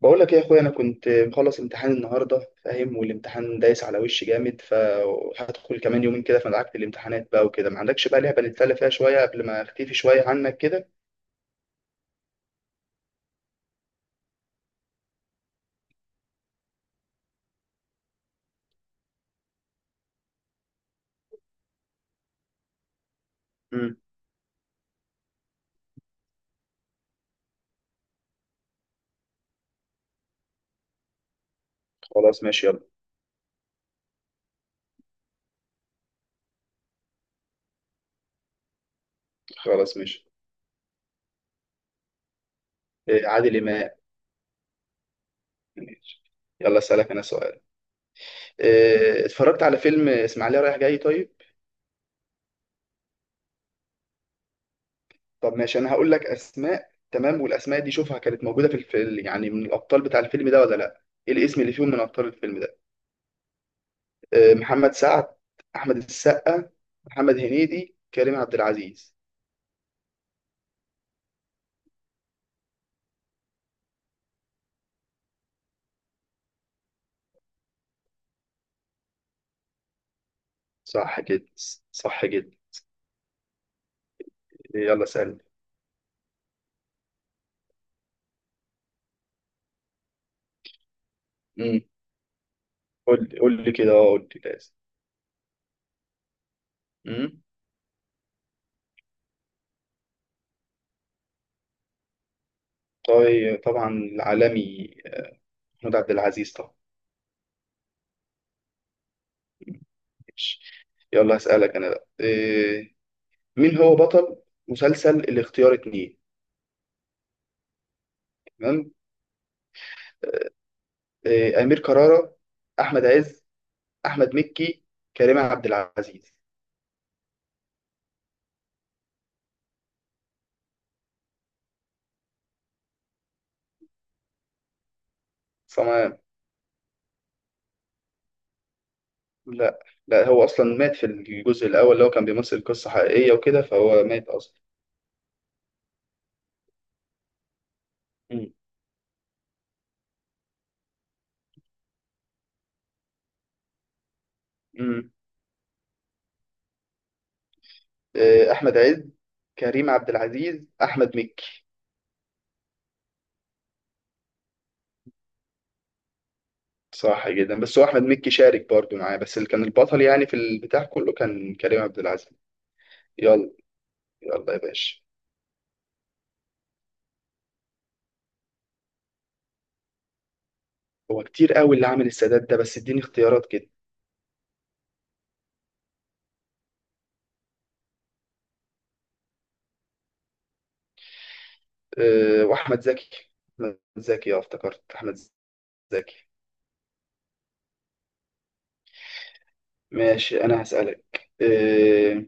بقول لك ايه يا اخويا، انا كنت مخلص امتحان النهارده، فاهم؟ والامتحان دايس على وشي جامد، فهدخل كمان يومين كده، فدعكت الامتحانات بقى وكده. ما عندكش بقى لعبه نتسلى فيها شويه قبل ما اختفي شويه عنك كده؟ امم خلاص ماشي يلا. خلاص ماشي. عادل امام. ماشي يلا اسالك انا سؤال. اتفرجت على فيلم اسماعيليه رايح جاي؟ طيب طب ماشي، انا هقول لك اسماء، تمام؟ والاسماء دي شوفها كانت موجوده في الفيلم يعني من الابطال بتاع الفيلم ده ولا لا. ايه الاسم اللي فيهم من ابطال الفيلم ده؟ محمد سعد، احمد السقا، محمد هنيدي، كريم عبد العزيز. صح كده؟ صح كده. يلا سألني. امم قول لي قول لي كده، اه قول لي لازم. امم طيب طبعا العالمي، محمود عبد العزيز طبعا. ماشي. يلا هسألك انا بقى، إيه؟ مين هو بطل مسلسل الاختيار 2؟ تمام. إيه، أمير كرارة، احمد عز، احمد مكي، كريم عبد العزيز. لا، لا هو اصلا مات في الجزء الاول، اللي هو كان بيمثل قصه حقيقيه وكده، فهو مات اصلا. مم. مم. احمد عز، كريم عبد العزيز، احمد مكي. صح جدا، بس هو احمد مكي شارك برضو معاه، بس اللي كان البطل يعني في البتاع كله كان كريم عبد العزيز. يلا. يلا يا باشا. هو كتير قوي اللي عامل السادات ده، بس اديني اختيارات كده. أه، واحمد زكي. احمد زكي، اه افتكرت احمد زكي. ماشي، انا هسألك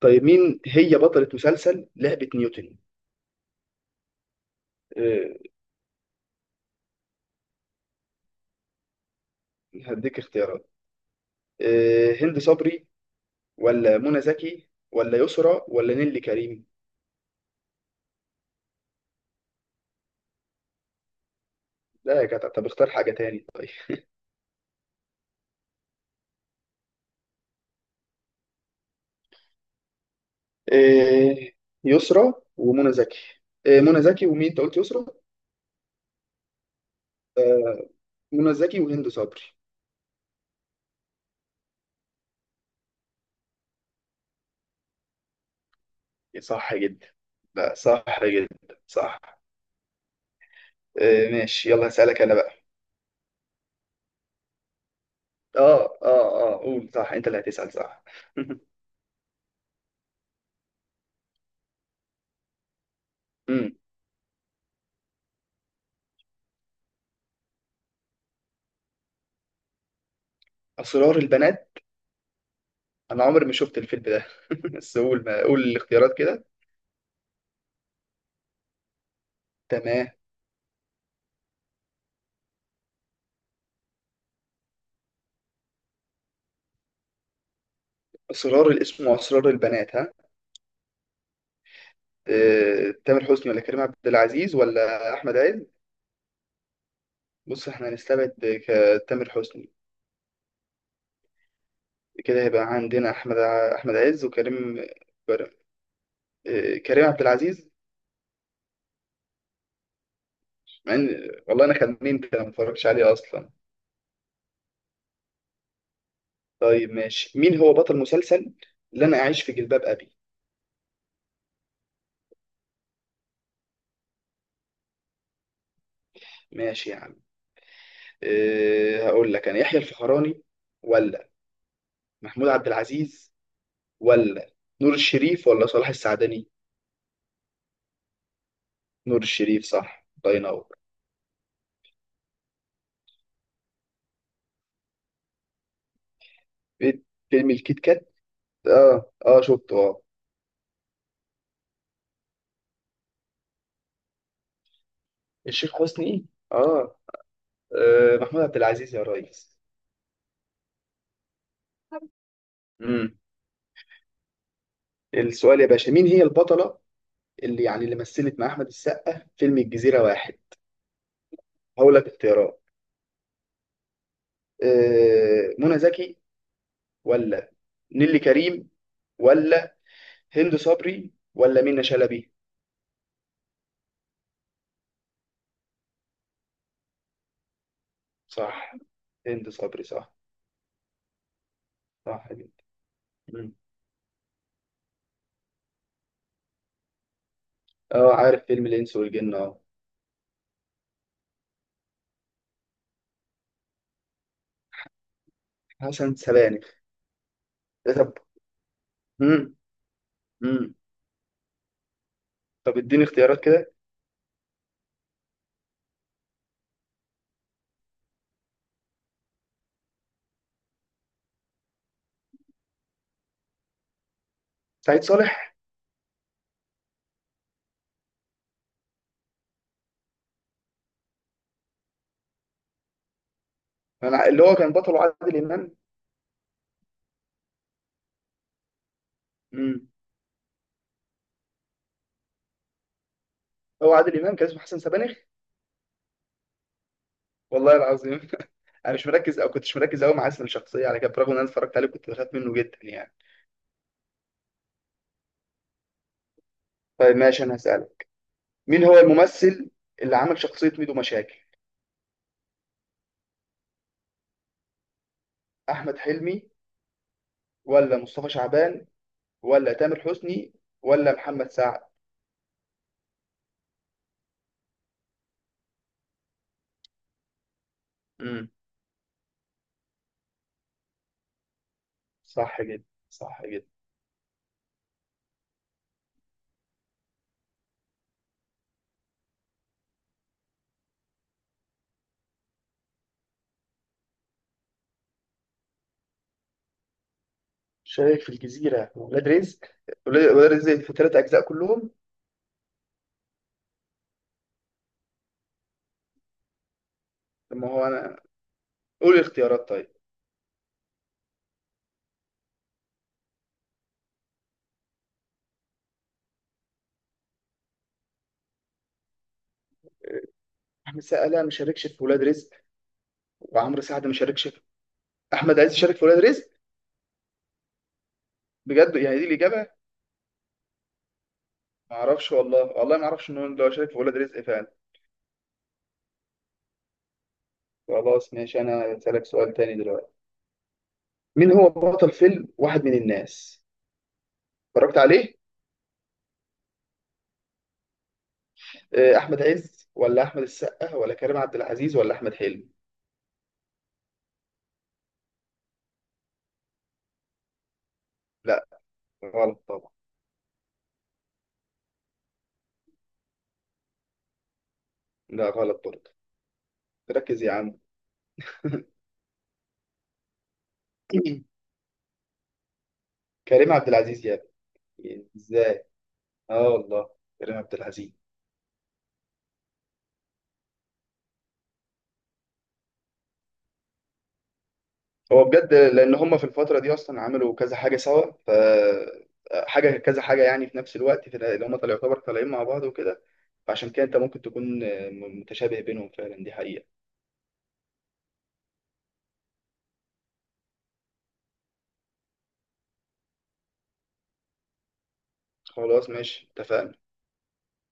طيب مين هي بطلة مسلسل لعبة نيوتن؟ أه، هديك اختيارات. أه، هند صبري ولا منى زكي ولا يسرى ولا نيللي كريم؟ لا يا جدع، طب اختار حاجة تاني. طيب أه، يسرى ومنى زكي. أه، منى زكي. ومين انت قلت؟ يسرى؟ أه، منى زكي وهند صبري. صح جدا. لا صح جدا، صح. أه ماشي، يلا هسألك انا بقى. اه اه اه، قول صح، انت اللي هتسأل صح. أمم. أسرار البنات. انا عمري ما شفت الفيلم ده، بس قول، ما قول الاختيارات كده. تمام. اسرار الاسم واسرار البنات، ها؟ تامر حسني ولا كريم عبد العزيز ولا احمد عز؟ بص احنا هنستبعد تامر حسني. كده هيبقى عندنا احمد عز وكريم. كر- كريم عبد العزيز. مع ان والله انا خمنت، انا ما اتفرجش عليه اصلا. طيب ماشي، مين هو بطل مسلسل اللي انا اعيش في جلباب ابي؟ ماشي يا عم. أه هقول لك انا: يحيى الفخراني، ولا محمود عبد العزيز، ولا نور الشريف، ولا صلاح السعدني. نور الشريف صح، الله ينور. في- فيلم الكيت كات؟ اه اه، شفته اه. الشيخ حسني، اه، آه محمود عبد العزيز يا ريس. امم السؤال يا باشا: مين هي البطلة اللي يعني اللي مثلت مع احمد السقا فيلم الجزيرة 1؟ هقول لك اختيارات. آه، منى زكي ولا نيلي كريم ولا هند صبري ولا منى شلبي؟ صح. هند صبري، صح صح جدا. مم. اه عارف فيلم الانس والجن؟ اه، حسن سبانخ. إيه طب. مم. مم. طب اديني اختيارات كده. سعيد صالح. أنا اللي هو كان بطله عادل امام. مم. هو عادل امام كان اسمه حسن سبانخ. والله العظيم. انا مش مركز او كنتش مركز قوي مع اسم الشخصيه على كده، برغم ان انا اتفرجت عليه كنت بخاف منه جدا يعني. طيب ماشي، انا هسالك: مين هو الممثل اللي عمل شخصيه ميدو مشاكل؟ احمد حلمي ولا مصطفى شعبان ولا تامر حسني ولا محمد سعد؟ امم صح جدا، صح جدا. شايف الجزيرة ولاد رزق. ولاد رزق في 3 أجزاء كلهم. طب ما هو أنا، قول الاختيارات طيب. أحمد سقا ما شاركش في ولاد رزق، وعمرو سعد ما شاركش في. أحمد عايز يشارك في ولاد رزق. بجد، يعني دي الإجابة. ما أعرفش والله، والله ما أعرفش إن هو لو شارك في ولاد رزق فعلا. خلاص ماشي، أنا هسألك سؤال تاني دلوقتي. مين هو بطل فيلم واحد من الناس؟ اتفرجت عليه؟ آه، أحمد عز ولا أحمد السقا ولا كريم عبد العزيز ولا أحمد حلمي؟ لا، غلط طبعا. لا، غلط برضه. ركز يا عم. كريم عبد العزيز يا. ازاي؟ اه والله، كريم عبد العزيز. هو بجد لان هم في الفتره دي اصلا عملوا كذا حاجه سوا، ف حاجه كذا حاجه يعني في نفس الوقت، في اللي هم طلعوا يعتبر طالعين مع بعض وكده. فعشان كده انت ممكن تكون متشابه بينهم، فعلا دي حقيقه. خلاص ماشي، اتفقنا.